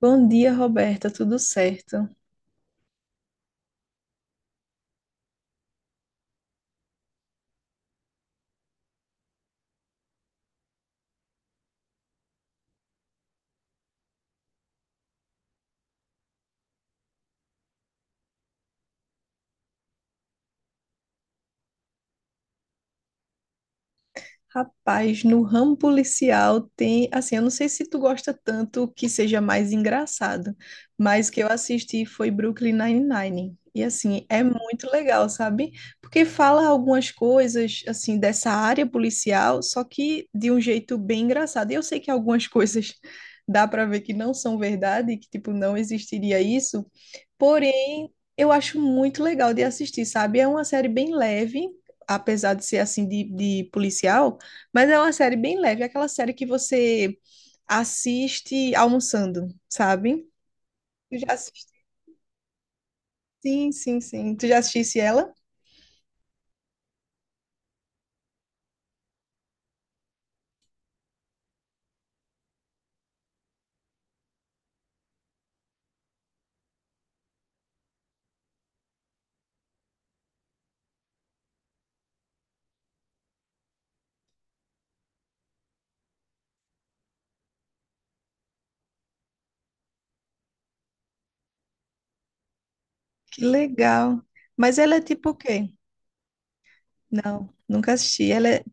Bom dia, Roberta, tudo certo? Rapaz, no ramo policial tem, assim, eu não sei se tu gosta tanto que seja mais engraçado, mas o que eu assisti foi Brooklyn Nine-Nine. E assim, é muito legal, sabe? Porque fala algumas coisas assim dessa área policial, só que de um jeito bem engraçado. E eu sei que algumas coisas dá para ver que não são verdade, que tipo não existiria isso. Porém, eu acho muito legal de assistir, sabe? É uma série bem leve, apesar de ser assim de policial, mas é uma série bem leve, é aquela série que você assiste almoçando, sabe? Tu já assisti? Sim, sim, sim. Tu já assistisse ela? Que legal. Mas ela é tipo o quê? Não, nunca assisti. Ela é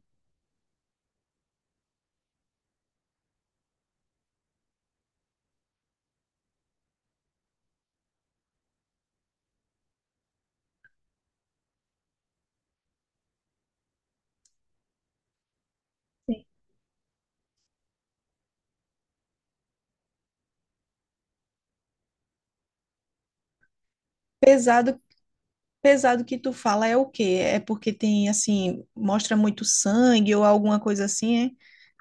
pesado, pesado que tu fala é o quê? É porque tem assim, mostra muito sangue ou alguma coisa assim, é?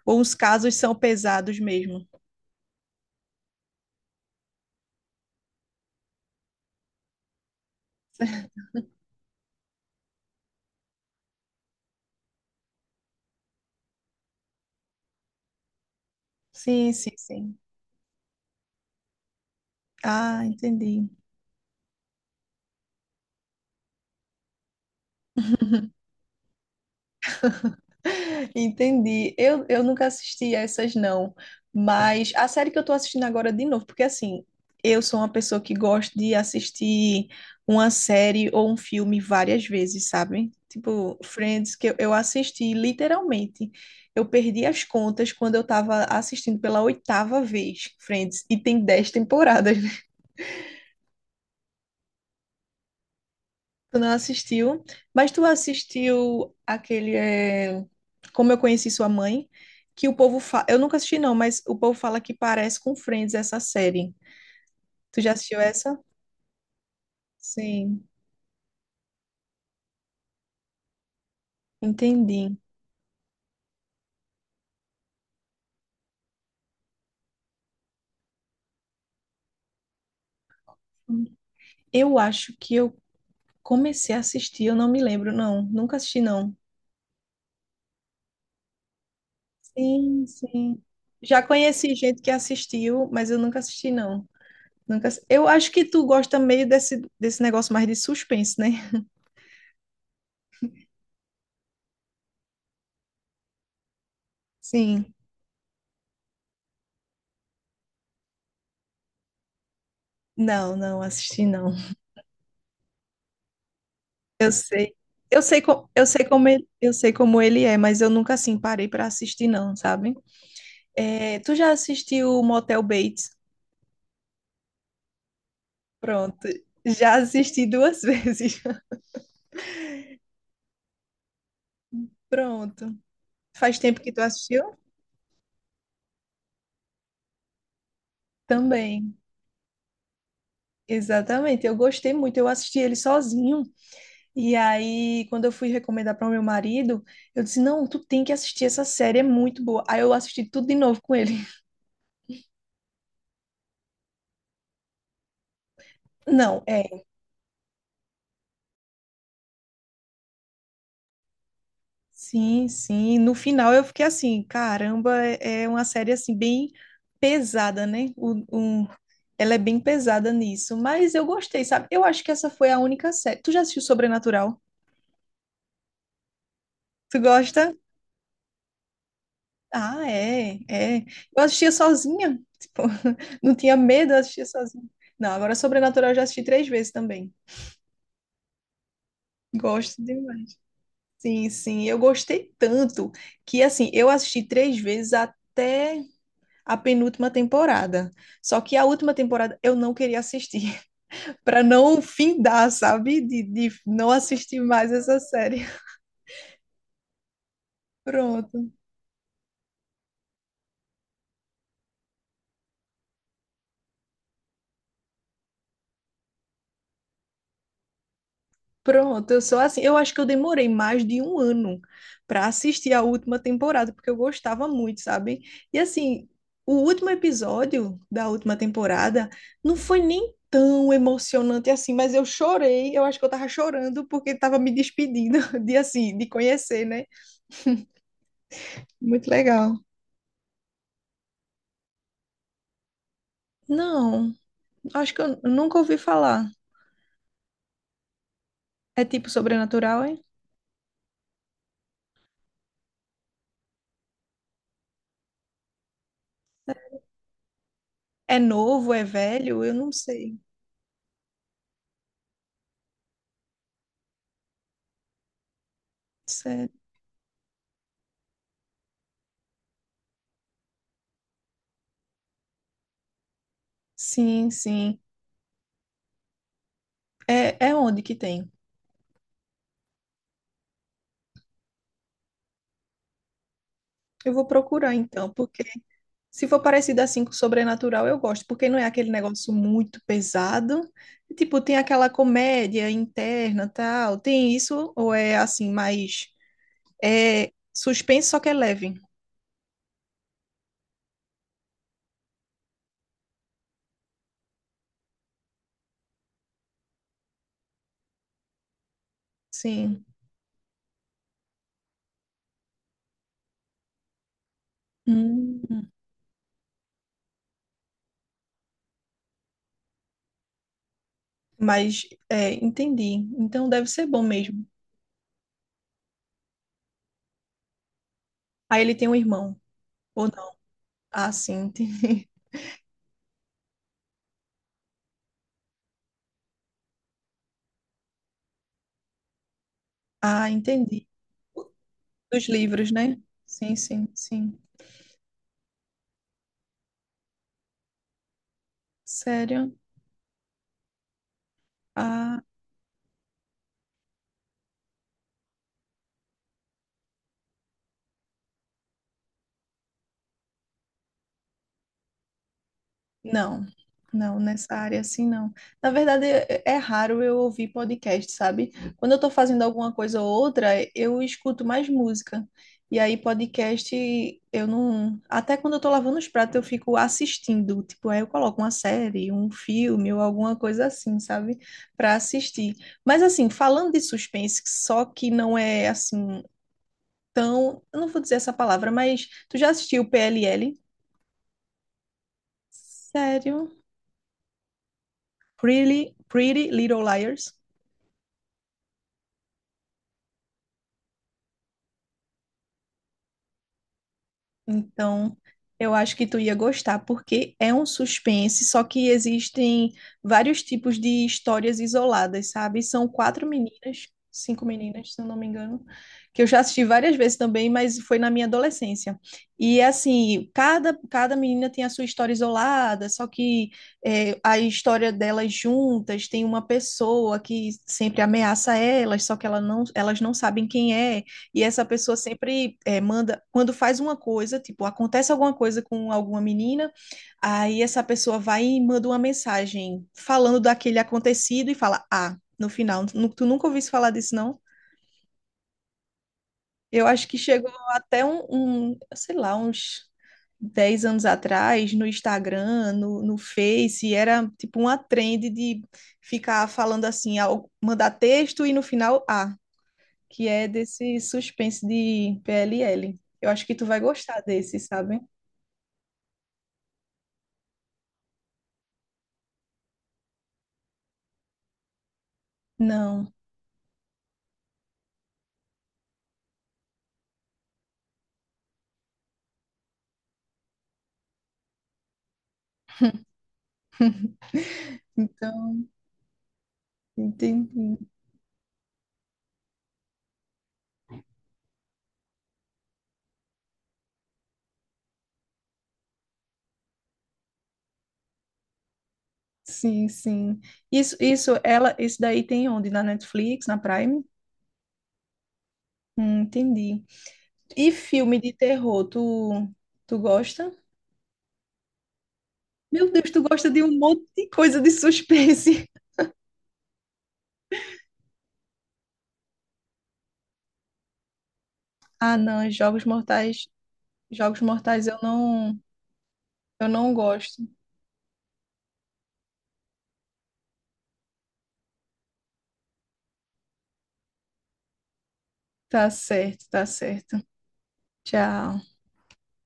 Ou os casos são pesados mesmo? Sim, sim, sim. Ah, entendi. Entendi. Eu nunca assisti a essas, não. Mas a série que eu tô assistindo agora de novo, porque assim, eu sou uma pessoa que gosta de assistir uma série ou um filme várias vezes, sabe? Tipo, Friends, que eu assisti literalmente. Eu perdi as contas quando eu tava assistindo pela oitava vez, Friends, e tem 10 temporadas. Tu não assistiu, mas tu assistiu aquele é, Como Eu Conheci Sua Mãe, que o povo fala. Eu nunca assisti, não, mas o povo fala que parece com Friends essa série. Tu já assistiu essa? Sim, entendi. Eu acho que eu comecei a assistir, eu não me lembro, não. Nunca assisti, não. Sim, sim. Já conheci gente que assistiu, mas eu nunca assisti, não. Nunca... ass- Eu acho que tu gosta meio desse negócio mais de suspense, né? Sim. Não, não assisti, não. Eu sei. Eu sei, eu sei como ele é, mas eu nunca assim parei para assistir não, sabe? É, tu já assistiu o Motel Bates? Pronto. Já assisti duas vezes. Pronto. Faz tempo que tu assistiu? Também. Exatamente. Eu gostei muito. Eu assisti ele sozinho. E aí, quando eu fui recomendar para o meu marido, eu disse: "Não, tu tem que assistir essa série, é muito boa". Aí eu assisti tudo de novo com ele. Não, é, sim, sim. No final eu fiquei assim, caramba, é uma série assim bem pesada, né? Ela é bem pesada nisso, mas eu gostei, sabe? Eu acho que essa foi a única série. Tu já assistiu Sobrenatural? Tu gosta? Ah, é, é. Eu assistia sozinha, tipo, não tinha medo, eu assistia sozinha. Não, agora Sobrenatural eu já assisti três vezes também. Gosto demais. Sim, sim, eu gostei tanto que assim, eu assisti três vezes até a penúltima temporada. Só que a última temporada eu não queria assistir, para não findar, sabe? De não assistir mais essa série. Pronto, pronto. Eu sou assim. Eu acho que eu demorei mais de um ano para assistir a última temporada, porque eu gostava muito, sabe? E assim, o último episódio da última temporada não foi nem tão emocionante assim, mas eu chorei. Eu acho que eu tava chorando porque tava me despedindo de assim, de conhecer, né? Muito legal. Não, acho que eu nunca ouvi falar. É tipo sobrenatural, é? É novo, é velho? Eu não sei. Isso é- Sim, sim. É, é onde que tem? Eu vou procurar então, porque se for parecido assim com sobrenatural, eu gosto, porque não é aquele negócio muito pesado. Tipo, tem aquela comédia interna, tal. Tem isso, ou é assim, mais é suspense, só que é leve. Sim. Hum, mas é, entendi. Então deve ser bom mesmo. Aí ele tem um irmão. Ou Ah, sim, entendi. Ah, entendi. Dos livros, né? Sim, sim, sim. Sério? Ah. Não, não, nessa área assim não. Na verdade, é raro eu ouvir podcast, sabe? Quando eu tô fazendo alguma coisa ou outra, eu escuto mais música. E aí, podcast, eu não. Até quando eu tô lavando os pratos, eu fico assistindo. Tipo, aí eu coloco uma série, um filme ou alguma coisa assim, sabe? Pra assistir. Mas, assim, falando de suspense, só que não é assim tão. Eu não vou dizer essa palavra, mas tu já assistiu PLL? Sério? Pretty Little Liars. Então, eu acho que tu ia gostar, porque é um suspense, só que existem vários tipos de histórias isoladas, sabe? São quatro meninas, cinco meninas, se eu não me engano, que eu já assisti várias vezes também, mas foi na minha adolescência. E assim, cada menina tem a sua história isolada, só que é, a história delas juntas tem uma pessoa que sempre ameaça elas, só que ela não, elas não sabem quem é. E essa pessoa sempre é, manda, quando faz uma coisa, tipo, acontece alguma coisa com alguma menina, aí essa pessoa vai e manda uma mensagem falando daquele acontecido e fala, ah, no final, tu nunca ouviste falar disso, não? Eu acho que chegou até sei lá, uns 10 anos atrás, no Instagram, no Face, era tipo uma trend de ficar falando assim, mandar texto e no final, ah, que é desse suspense de PLL. Eu acho que tu vai gostar desse, sabe? Não. Então, entendi. Sim, sim. Isso, ela, isso daí tem onde? Na Netflix, na Prime? Entendi. E filme de terror, tu gosta? Meu Deus, tu gosta de um monte de coisa de suspense. Ah, não, Jogos Mortais, Jogos Mortais eu não gosto. Tá certo, tá certo. Tchau.